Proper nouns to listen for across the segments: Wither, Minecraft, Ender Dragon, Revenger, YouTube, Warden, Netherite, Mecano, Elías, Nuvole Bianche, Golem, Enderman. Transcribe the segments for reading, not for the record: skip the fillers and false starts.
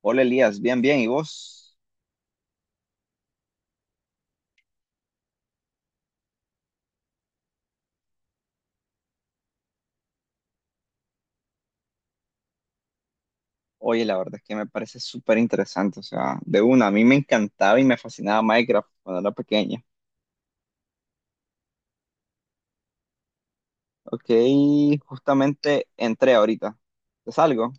Hola Elías, bien, bien, ¿y vos? Oye, la verdad es que me parece súper interesante, o sea, de una, a mí me encantaba y me fascinaba Minecraft cuando era pequeña. Ok, justamente entré ahorita, ¿te salgo?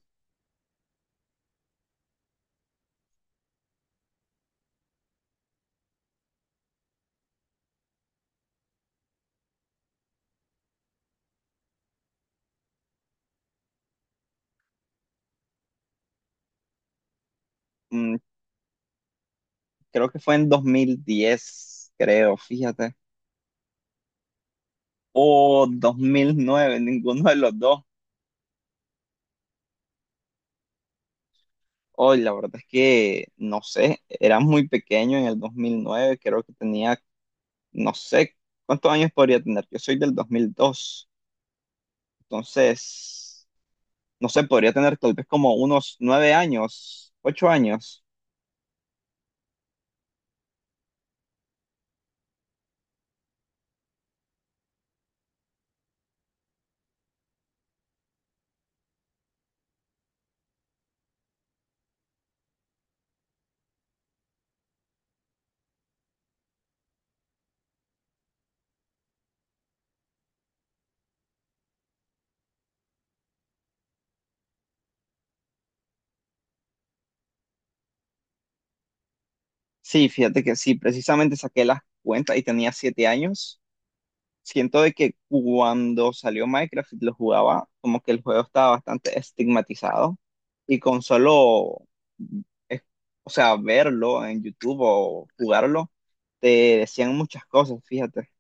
Mm, creo que fue en 2010, creo, fíjate, o 2009. Ninguno de los dos. Oye, la verdad es que, no sé, era muy pequeño en el 2009. Creo que tenía, no sé, ¿cuántos años podría tener? Yo soy del 2002, entonces, no sé, podría tener tal vez como unos 9 años, 8 años. Sí, fíjate que sí, precisamente saqué las cuentas y tenía 7 años. Siento de que cuando salió Minecraft y lo jugaba, como que el juego estaba bastante estigmatizado y con solo, es- o sea, verlo en YouTube o jugarlo, te decían muchas cosas, fíjate.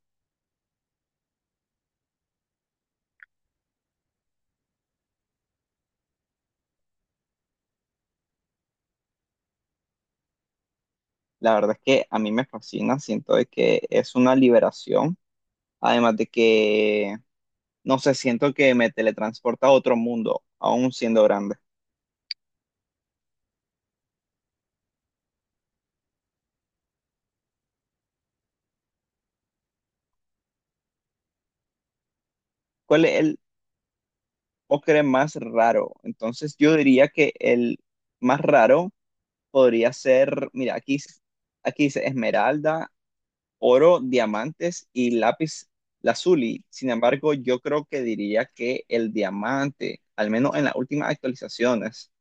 La verdad es que a mí me fascina, siento de que es una liberación, además de que no sé, siento que me teletransporta a otro mundo, aún siendo grande. ¿Cuál es el ocre más raro? Entonces yo diría que el más raro podría ser, mira, aquí, aquí dice esmeralda, oro, diamantes y lápiz lazuli. Sin embargo, yo creo que diría que el diamante, al menos en las últimas actualizaciones.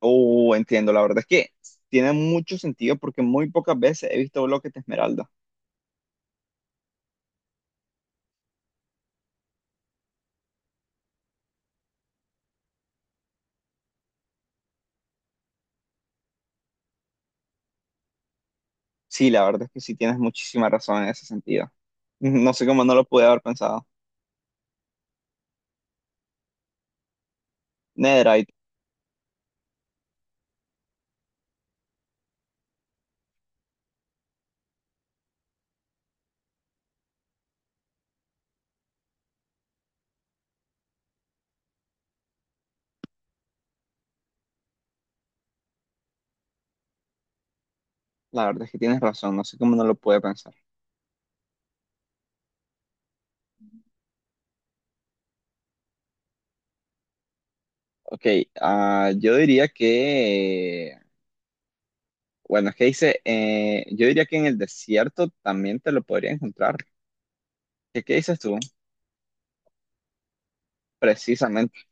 Oh, entiendo, la verdad es que tiene mucho sentido porque muy pocas veces he visto bloques de esmeralda. Sí, la verdad es que sí tienes muchísima razón en ese sentido. No sé cómo no lo pude haber pensado. Netherite, la verdad es que tienes razón, no sé cómo no lo pude pensar. Ok, ah, yo diría que, bueno, es que dice, yo diría que en el desierto también te lo podría encontrar. ¿Qué dices tú? Precisamente,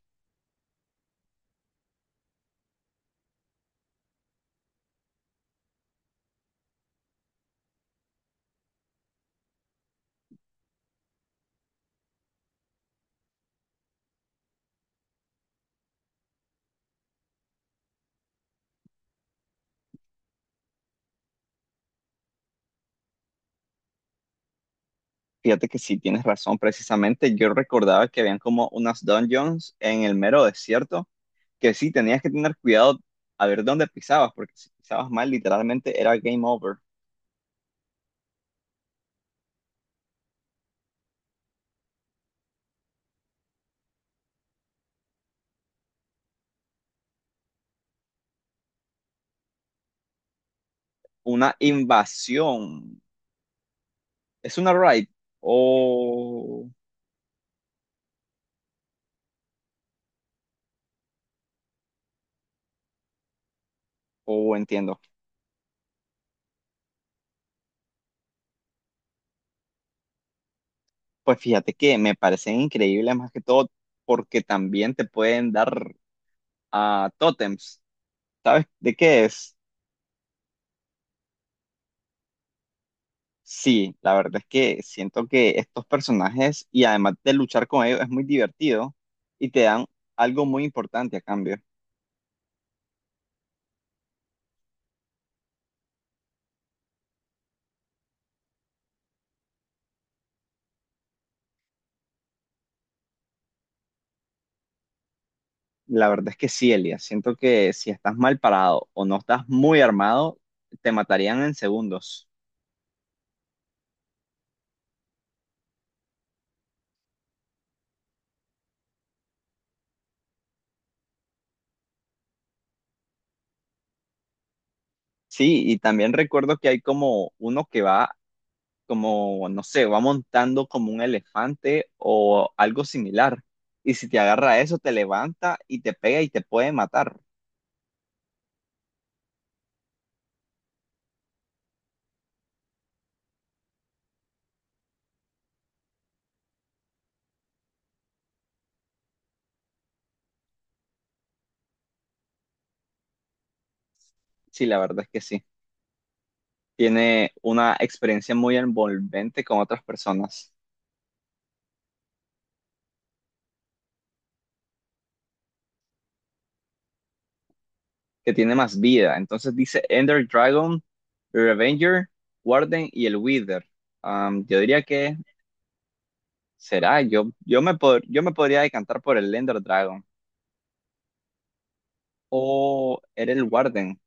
fíjate que sí tienes razón, precisamente yo recordaba que habían como unas dungeons en el mero desierto, que sí tenías que tener cuidado a ver dónde pisabas, porque si pisabas mal, literalmente era game over. Una invasión. ¿Es una raid? O, o entiendo. Pues fíjate que me parecen increíbles más que todo porque también te pueden dar a tótems. ¿Sabes de qué es? Sí, la verdad es que siento que estos personajes y además de luchar con ellos es muy divertido y te dan algo muy importante a cambio. La verdad es que sí, Elia. Siento que si estás mal parado o no estás muy armado, te matarían en segundos. Sí, y también recuerdo que hay como uno que va, como, no sé, va montando como un elefante o algo similar. Y si te agarra eso, te levanta y te pega y te puede matar. Sí, la verdad es que sí. Tiene una experiencia muy envolvente con otras personas, que tiene más vida. Entonces dice Ender Dragon, Revenger, Warden y el Wither. Yo diría que será, yo me podría decantar por el Ender Dragon o era el Warden.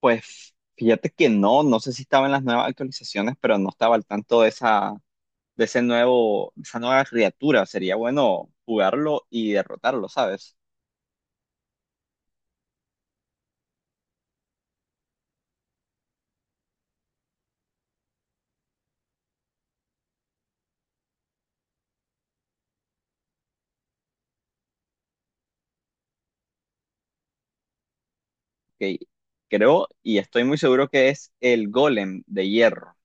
Pues fíjate que no, no sé si estaba en las nuevas actualizaciones, pero no estaba al tanto de esa, de ese nuevo, esa nueva criatura. Sería bueno jugarlo y derrotarlo, ¿sabes? Que creo y estoy muy seguro que es el Golem de hierro.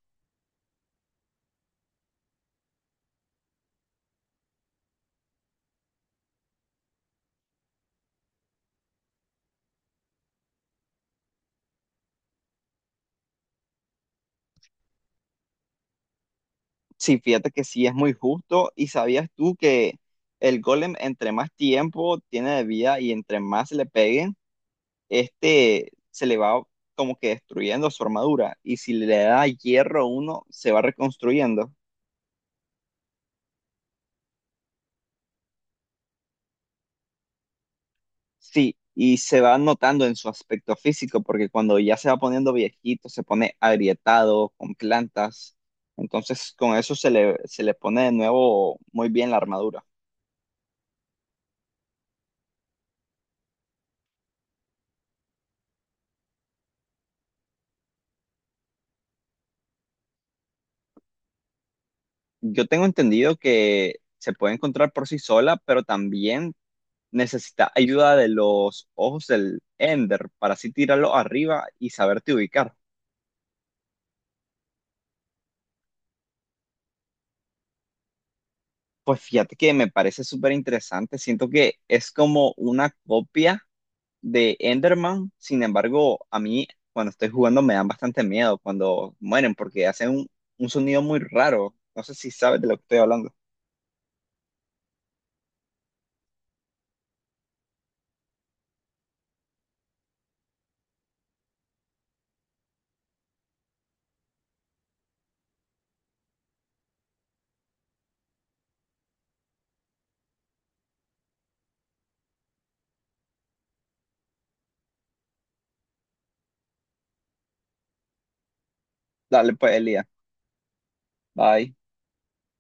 Sí, fíjate que sí es muy justo. ¿Y sabías tú que el Golem entre más tiempo tiene de vida y entre más le peguen, este se le va como que destruyendo su armadura? Y si le da hierro uno, se va reconstruyendo. Sí, y se va notando en su aspecto físico, porque cuando ya se va poniendo viejito, se pone agrietado, con plantas. Entonces, con eso se le pone de nuevo muy bien la armadura. Yo tengo entendido que se puede encontrar por sí sola, pero también necesita ayuda de los ojos del Ender para así tirarlo arriba y saberte ubicar. Pues fíjate que me parece súper interesante. Siento que es como una copia de Enderman, sin embargo, a mí cuando estoy jugando me dan bastante miedo cuando mueren porque hacen un sonido muy raro. No sé si sabes de lo que estoy hablando. Dale pues, Elías. Bye.